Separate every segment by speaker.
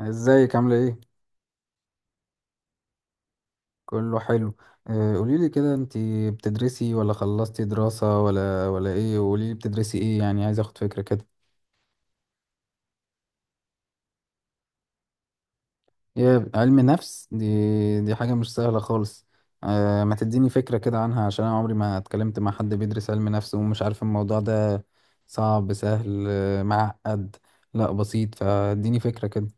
Speaker 1: ازيك عاملة ايه؟ كله حلو. قوليلي كده انتي بتدرسي ولا خلصتي دراسة ولا ايه، وقوليلي بتدرسي ايه يعني، عايز اخد فكرة كده. يا علم نفس دي حاجة مش سهلة خالص. ما تديني فكرة كده عنها عشان انا عمري ما اتكلمت مع حد بيدرس علم نفس ومش عارف الموضوع ده. صعب، سهل، معقد، لا بسيط، فاديني فكرة كده.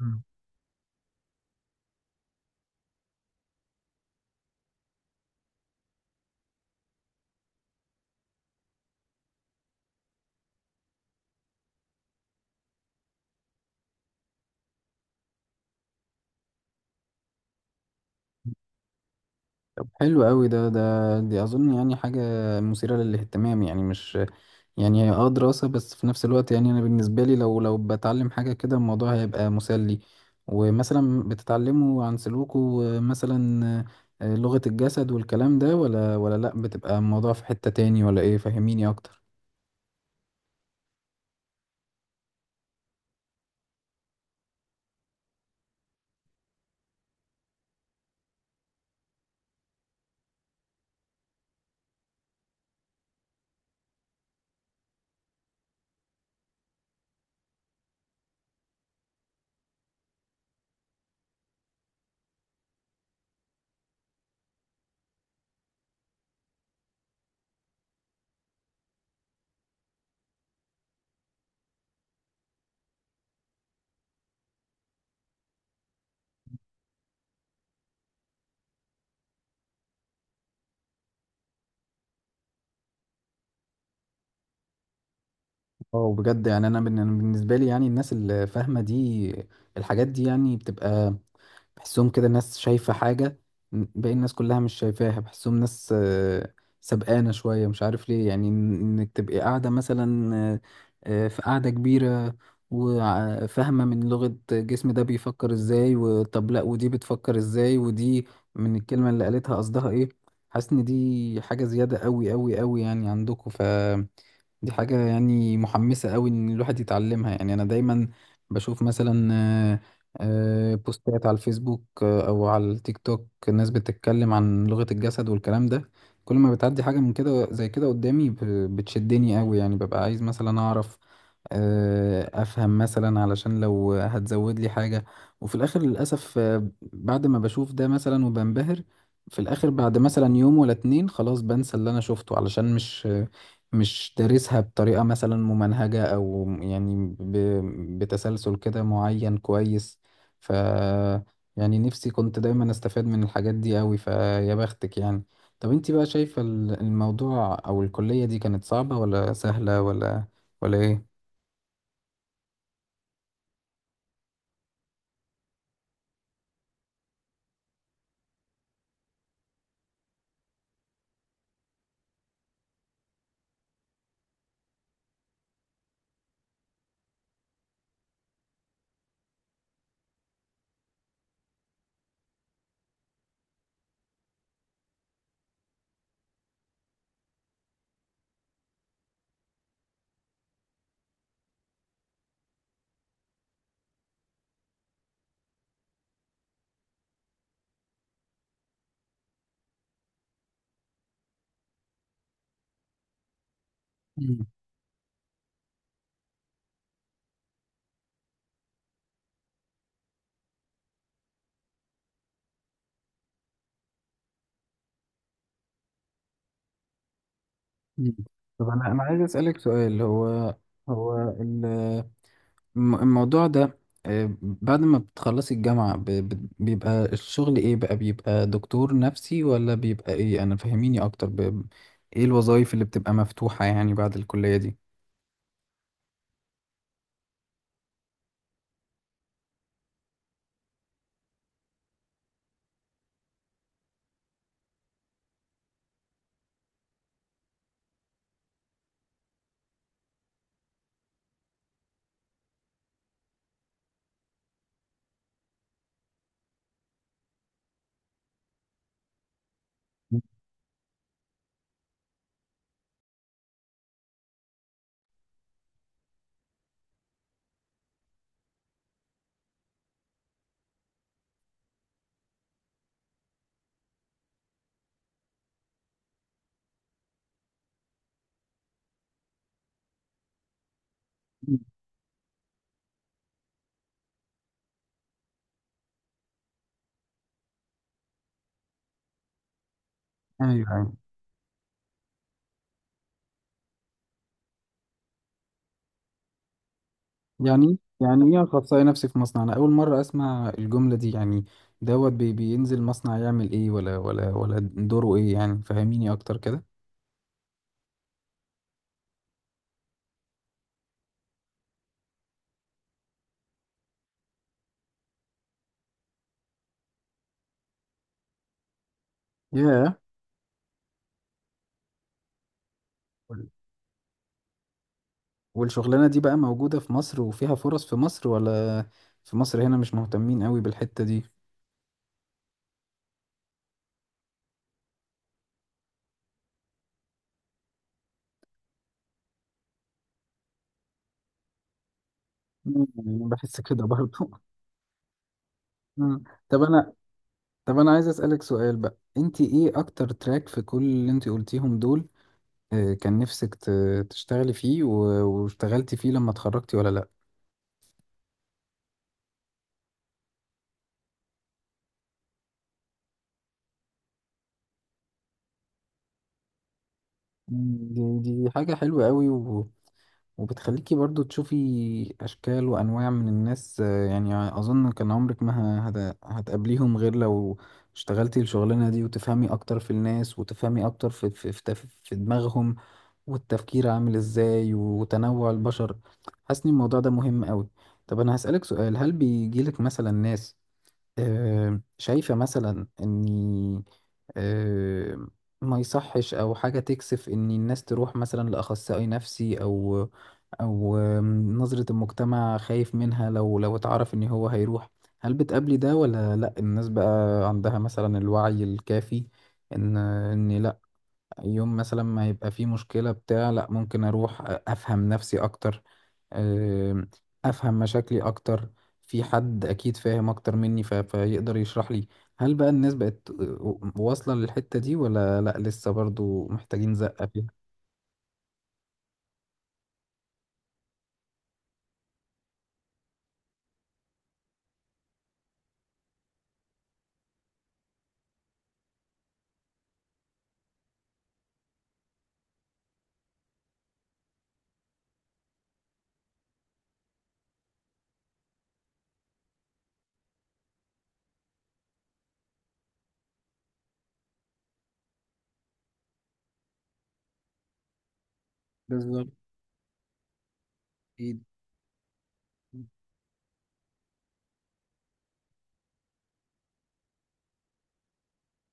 Speaker 1: مم. طب حلو قوي. ده دي اظن يعني حاجة مثيرة للاهتمام، يعني مش، يعني هي اه دراسة، بس في نفس الوقت يعني أنا بالنسبة لي لو بتعلم حاجة كده الموضوع هيبقى مسلي. ومثلا بتتعلموا عن سلوكه، مثلا لغة الجسد والكلام ده، ولا لأ بتبقى الموضوع في حتة تاني، ولا إيه؟ فهميني أكتر. اه بجد، يعني أنا بالنسبة لي يعني الناس اللي فاهمة دي الحاجات دي يعني بتبقى، بحسهم كده ناس شايفة حاجة باقي الناس كلها مش شايفاها. بحسهم ناس سبقانة شوية، مش عارف ليه. يعني انك تبقي قاعدة مثلا، في قاعدة كبيرة وفاهمة من لغة جسم ده بيفكر ازاي، وطب لا ودي بتفكر ازاي، ودي من الكلمة اللي قالتها قصدها ايه. حاسس ان دي حاجة زيادة قوي قوي قوي يعني عندكم. دي حاجة يعني محمسة قوي ان الواحد يتعلمها. يعني انا دايما بشوف مثلا بوستات على الفيسبوك، او على التيك توك، الناس بتتكلم عن لغة الجسد والكلام ده. كل ما بتعدي حاجة من كده زي كده قدامي بتشدني قوي. يعني ببقى عايز مثلا اعرف، افهم مثلا، علشان لو هتزود لي حاجة. وفي الاخر للأسف بعد ما بشوف ده مثلا وبنبهر، في الاخر بعد مثلا يوم ولا اتنين خلاص بنسى اللي انا شفته، علشان مش دارسها بطريقة مثلا ممنهجة، أو يعني بتسلسل كده معين كويس. ف يعني نفسي كنت دايما استفاد من الحاجات دي أوي. فيا بختك يعني. طب انتي بقى شايفة الموضوع أو الكلية دي كانت صعبة ولا سهلة ولا ايه؟ مم. مم. طب أنا عايز أسألك سؤال. هو ال الموضوع ده، بعد ما بتخلصي الجامعة بيبقى الشغل ايه بقى؟ بيبقى دكتور نفسي ولا بيبقى ايه؟ انا فهميني اكتر ايه الوظائف اللي بتبقى مفتوحة يعني بعد الكلية دي؟ مم. ايوه، أيوة. يعني يعني ايه اخصائي نفسي في مصنع؟ انا اول مرة اسمع الجملة دي يعني. دوت بي بينزل مصنع يعمل ايه، ولا دوره ايه يعني؟ فهميني اكتر كده. ياه. والشغلانة دي بقى موجودة في مصر وفيها فرص في مصر، ولا في مصر هنا مش مهتمين قوي بالحتة دي؟ مم، أنا بحس كده برضو. طب انا، طب انا عايز اسألك سؤال بقى، انت ايه اكتر تراك في كل اللي انت قلتيهم دول، كان نفسك تشتغلي فيه واشتغلتي فيه لما اتخرجتي، ولا لا؟ مم، دي حاجة حلوة قوي. وبتخليكي برضو تشوفي أشكال وأنواع من الناس، يعني أظن كان عمرك ما هتقابليهم غير لو اشتغلتي الشغلانة دي. وتفهمي أكتر في الناس، وتفهمي أكتر في دماغهم والتفكير عامل إزاي، وتنوع البشر. حاسس إن الموضوع ده مهم أوي. طب أنا هسألك سؤال، هل بيجيلك مثلا ناس شايفة مثلا إني، آه، ما يصحش أو حاجة تكسف إن الناس تروح مثلا لأخصائي نفسي، أو أو نظرة المجتمع خايف منها لو اتعرف إن هو هيروح؟ هل بتقابلي ده ولا لأ؟ الناس بقى عندها مثلا الوعي الكافي إن لأ، يوم مثلا ما يبقى فيه مشكلة بتاع، لأ ممكن أروح أفهم نفسي أكتر، آه، افهم مشاكلي اكتر، في حد اكيد فاهم اكتر مني فيقدر يشرح لي. هل بقى الناس بقت واصلة للحتة دي، ولا لا لسه برضو محتاجين زقة فيها؟ بالظبط. أكيد.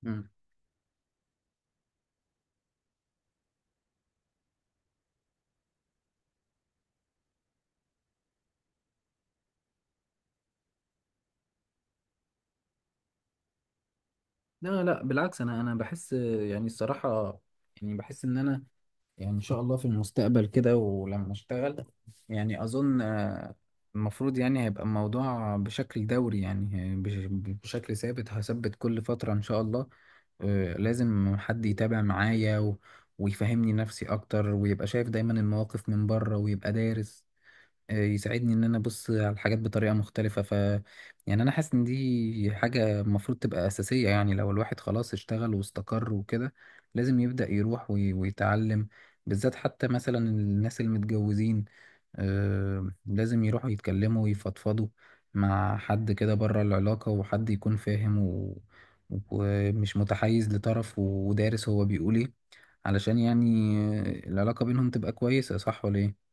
Speaker 1: مم. لا لا بالعكس، انا بحس يعني الصراحه، يعني بحس ان انا، يعني ان شاء الله في المستقبل كده ولما اشتغل يعني اظن المفروض يعني هيبقى الموضوع بشكل دوري، يعني بشكل ثابت، هثبت كل فتره ان شاء الله. لازم حد يتابع معايا ويفهمني نفسي اكتر، ويبقى شايف دايما المواقف من بره ويبقى دارس، يساعدني ان انا ابص على الحاجات بطريقة مختلفة. يعني انا حاسس ان دي حاجة المفروض تبقى اساسية. يعني لو الواحد خلاص اشتغل واستقر وكده لازم يبدأ يروح ويتعلم، بالذات حتى مثلا الناس المتجوزين، لازم يروحوا يتكلموا ويفضفضوا مع حد كده بره العلاقة، وحد يكون فاهم ومش متحيز لطرف، ودارس هو بيقول ايه، علشان يعني العلاقة بينهم تبقى كويسة. صح ولا ايه؟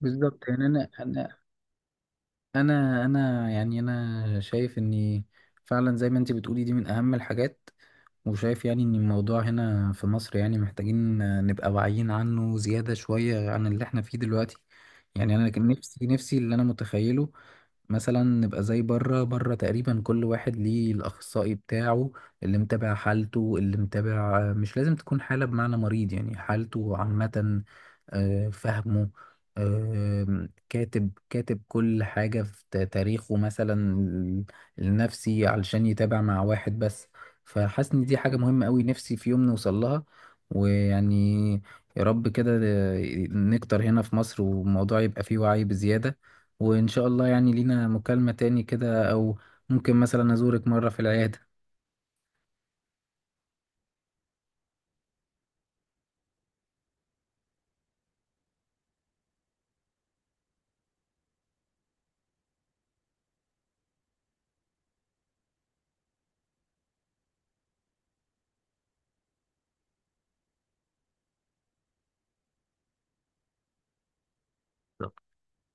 Speaker 1: بالظبط. يعني انا يعني انا شايف اني فعلا زي ما انت بتقولي دي من اهم الحاجات، وشايف يعني ان الموضوع هنا في مصر يعني محتاجين نبقى واعيين عنه زيادة شوية عن اللي احنا فيه دلوقتي. يعني انا كان نفسي اللي انا متخيله مثلا نبقى زي بره تقريبا، كل واحد ليه الأخصائي بتاعه اللي متابع حالته، اللي متابع. مش لازم تكون حالة بمعنى مريض، يعني حالته عامة، فهمه، كاتب كل حاجة في تاريخه مثلا النفسي، علشان يتابع مع واحد بس. فحاسس إن دي حاجة مهمة أوي، نفسي في يوم نوصل لها. ويعني يا رب كده نكتر هنا في مصر، والموضوع يبقى فيه وعي بزيادة. وإن شاء الله يعني لينا مكالمة تاني كده، أو ممكن مثلا أزورك مرة في العيادة.